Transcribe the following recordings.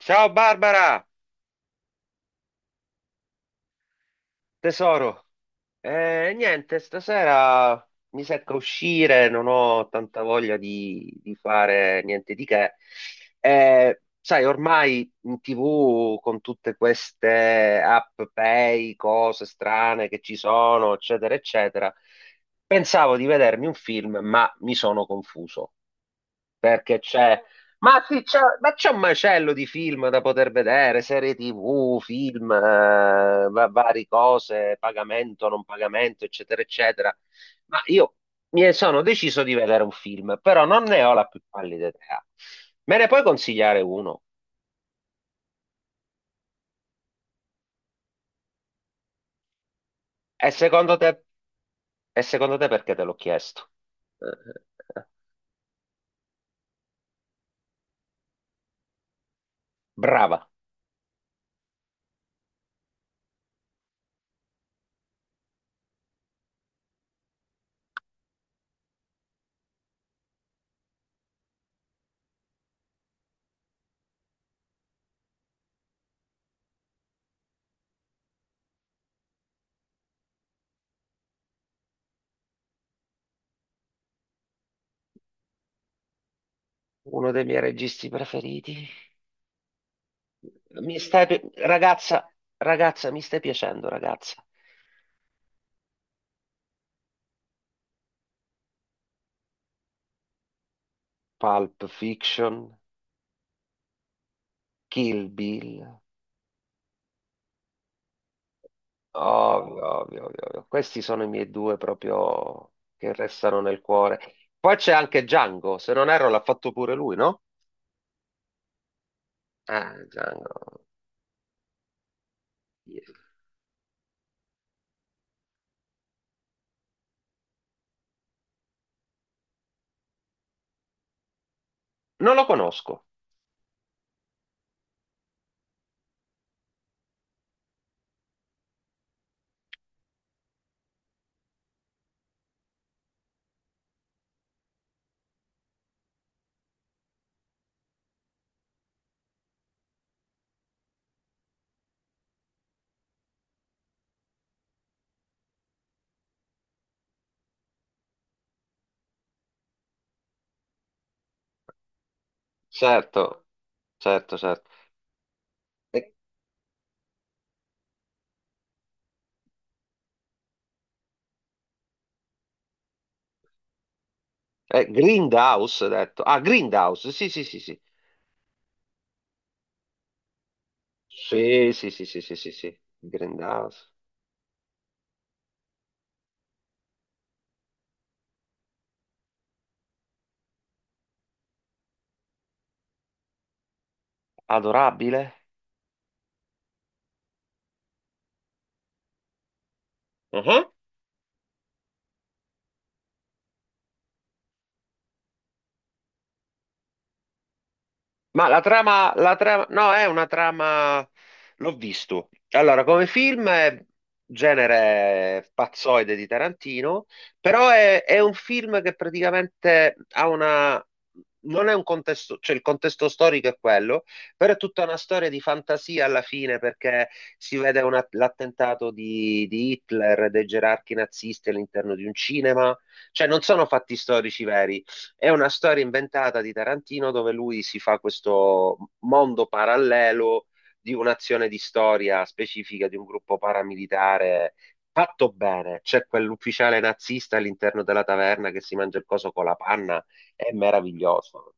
Ciao Barbara, tesoro. Niente, stasera mi secca uscire, non ho tanta voglia di fare niente di che. Sai, ormai in TV con tutte queste app pay, cose strane che ci sono, eccetera, eccetera, pensavo di vedermi un film, ma mi sono confuso perché c'è. Ma sì, c'è, ma c'è un macello di film da poter vedere, serie TV, film, varie cose, pagamento, non pagamento, eccetera, eccetera. Ma io mi sono deciso di vedere un film, però non ne ho la più pallida idea. Me ne puoi consigliare uno? E secondo te, e secondo te perché te l'ho chiesto? Eh, brava, uno dei miei registi preferiti. Mi stai, pi- ragazza, ragazza, mi stai piacendo, ragazza. Pulp Fiction, Kill Bill, ovvio, ovvio, ovvio, ovvio. Questi sono i miei due proprio che restano nel cuore. Poi c'è anche Django, se non erro l'ha fatto pure lui, no? Ah, Django. Non lo conosco. Certo, certo, certo. Eh, Grindhouse, hai detto. Ah, Grindhouse, sì, sì, sì, sì. Sì, sì, sì, sì, sì, sì, sì. Grindhouse. Adorabile. Ma la trama, no, è una trama, l'ho visto. Allora, come film è genere pazzoide di Tarantino, però è un film che praticamente ha una, non è un contesto, cioè il contesto storico è quello, però è tutta una storia di fantasia alla fine perché l'attentato di Hitler, dei gerarchi nazisti all'interno di un cinema, cioè non sono fatti storici veri. È una storia inventata di Tarantino dove lui si fa questo mondo parallelo di un'azione di storia specifica di un gruppo paramilitare fatto bene. C'è quell'ufficiale nazista all'interno della taverna che si mangia il coso con la panna, è meraviglioso.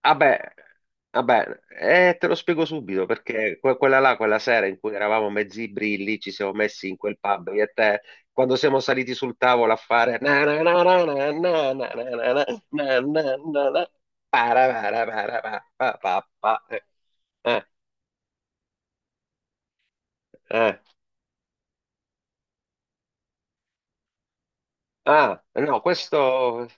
Vabbè, vabbè, te lo spiego subito perché quella là, quella sera in cui eravamo mezzi brilli, ci siamo messi in quel pub io e te, quando siamo saliti sul tavolo a fare na na na na na na na na na na na na na na, para para para pa pa pa pa. Eh, eh. Ah, no, questo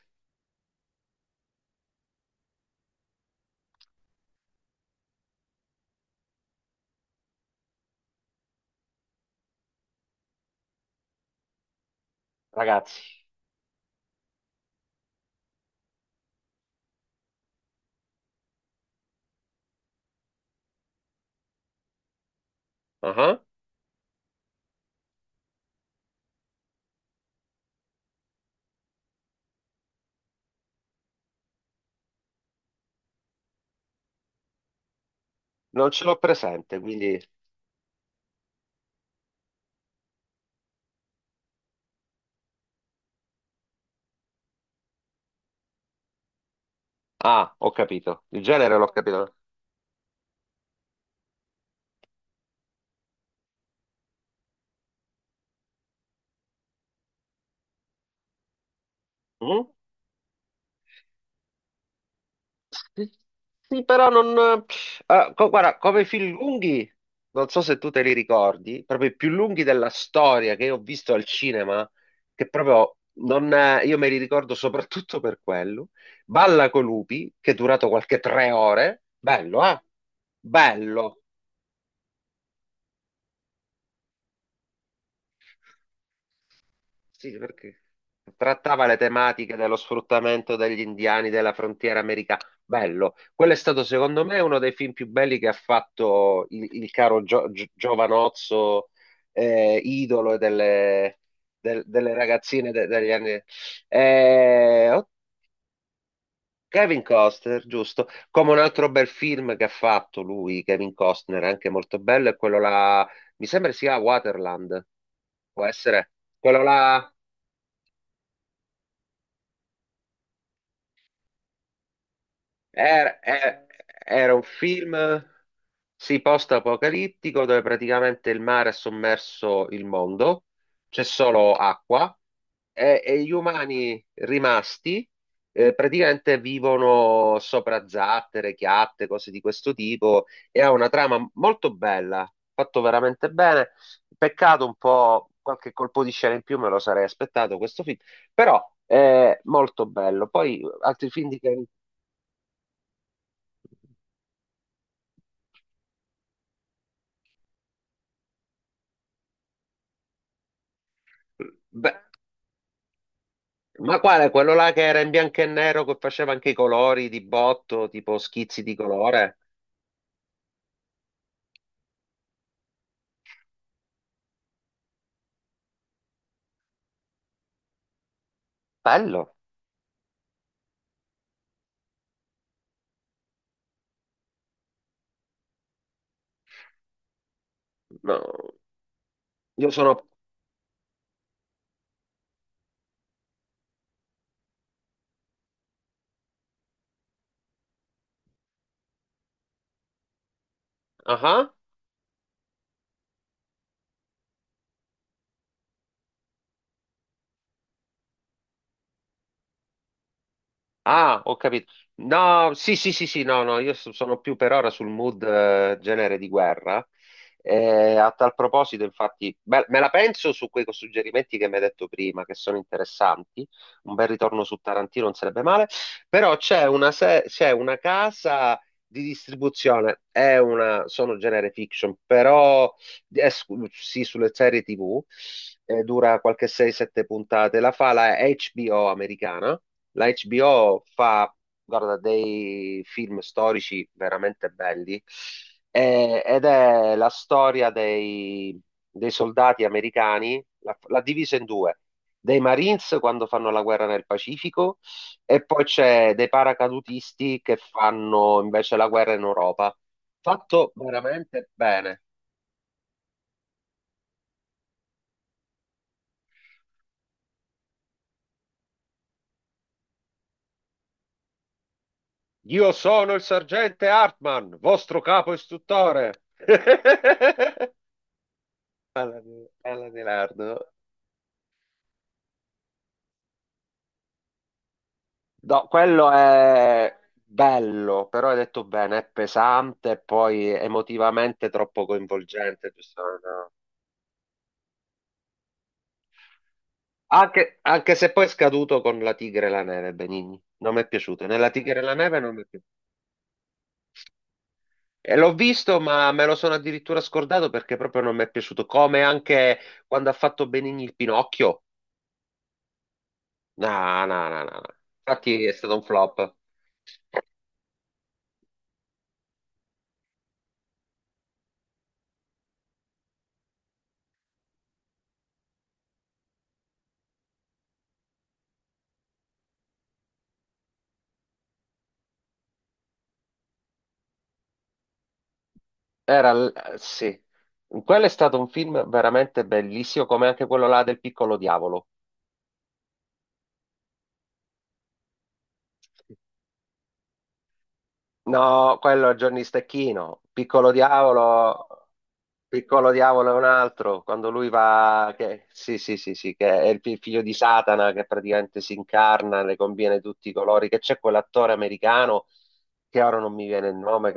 ragazzi, ah, non ce l'ho presente, quindi ah, ho capito, il genere l'ho capito. Mm? Sì, sì, però non... guarda, come film lunghi, non so se tu te li ricordi, proprio i più lunghi della storia che io ho visto al cinema, che proprio non... io me li ricordo soprattutto per quello. Balla con lupi, che è durato qualche 3 ore. Bello, eh? Bello. Sì, perché trattava le tematiche dello sfruttamento degli indiani della frontiera americana. Bello. Quello è stato, secondo me, uno dei film più belli che ha fatto il caro Giovanozzo, idolo delle ragazzine degli anni. Eh, oh, Kevin Costner, giusto. Come un altro bel film che ha fatto lui, Kevin Costner, anche molto bello, è quello là. Mi sembra sia Waterland. Può essere quello là. Era, era- era un film, sì, post-apocalittico dove praticamente il mare ha sommerso il mondo, c'è solo acqua e gli umani rimasti praticamente vivono sopra zattere, chiatte, cose di questo tipo e ha una trama molto bella, fatto veramente bene. Peccato un po', qualche colpo di scena in più me lo sarei aspettato questo film, però è molto bello. Poi altri film di... Beh, ma quale? Quello là che era in bianco e nero, che faceva anche i colori di botto, tipo schizzi di colore? Bello. No, io sono... Ah? Ah. Ah, ho capito. No, sì, sì, sì, sì, no, no, io sono più per ora sul mood genere di guerra. A tal proposito, infatti, beh, me la penso su quei suggerimenti che mi hai detto prima, che sono interessanti. Un bel ritorno su Tarantino non sarebbe male, però c'è una, se- c'è una casa di distribuzione, è una, sono genere fiction, però sì, sulle serie TV, dura qualche 6-7 puntate, la fa la HBO americana la HBO fa, guarda, dei film storici veramente belli ed è la storia dei soldati americani, l'ha divisa in due, dei Marines quando fanno la guerra nel Pacifico e poi c'è dei paracadutisti che fanno invece la guerra in Europa. Fatto veramente bene. Io sono il sergente Hartman, vostro capo istruttore. Bella di Lerdo. No, quello è bello, però hai detto bene, è pesante e poi emotivamente troppo coinvolgente, giusto? No. Anche, anche se poi è scaduto con La Tigre e la Neve, Benigni. Non mi è piaciuto. Nella Tigre e la Neve non mi è piaciuto. E l'ho visto, ma me lo sono addirittura scordato perché proprio non mi è piaciuto. Come anche quando ha fatto Benigni il Pinocchio. No, no, no, no, no. Infatti è stato un flop. Sì, quello è stato un film veramente bellissimo, come anche quello là del Piccolo Diavolo. No, quello è Johnny Stecchino, Piccolo Diavolo, Piccolo Diavolo è un altro, quando lui va, che, sì, sì, sì, sì, che è il figlio di Satana che praticamente si incarna, le conviene tutti i colori, che c'è quell'attore americano, che ora non mi viene il nome,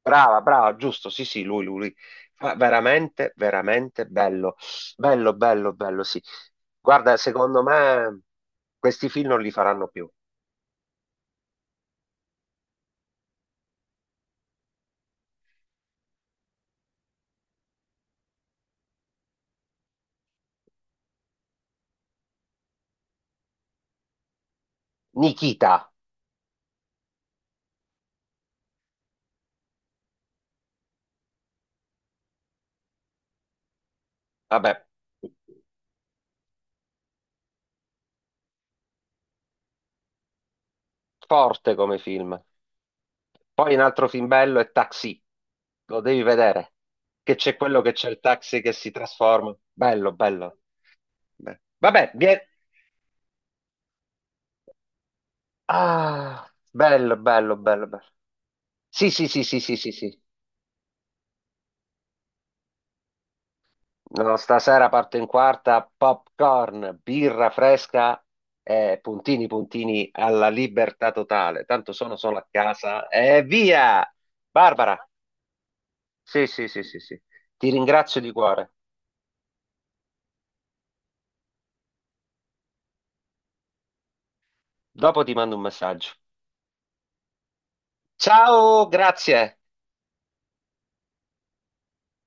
brava, brava, giusto, sì, sì, lui, lui, lui. Fa veramente, veramente bello, bello, bello, bello, sì. Guarda, secondo me questi film non li faranno più. Nikita, vabbè, forte come film. Poi un altro film bello è Taxi, lo devi vedere, che c'è quello che c'è il taxi che si trasforma. Bello, bello. Beh, vabbè, vie- Ah, bello, bello, bello, bello. Sì, sì, sì, sì, sì, sì, sì. No, stasera parto in quarta, popcorn, birra fresca e puntini puntini alla libertà totale. Tanto sono solo a casa e via! Barbara, sì, sì, sì, sì, sì. Ti ringrazio di cuore. Dopo ti mando un messaggio. Ciao, grazie.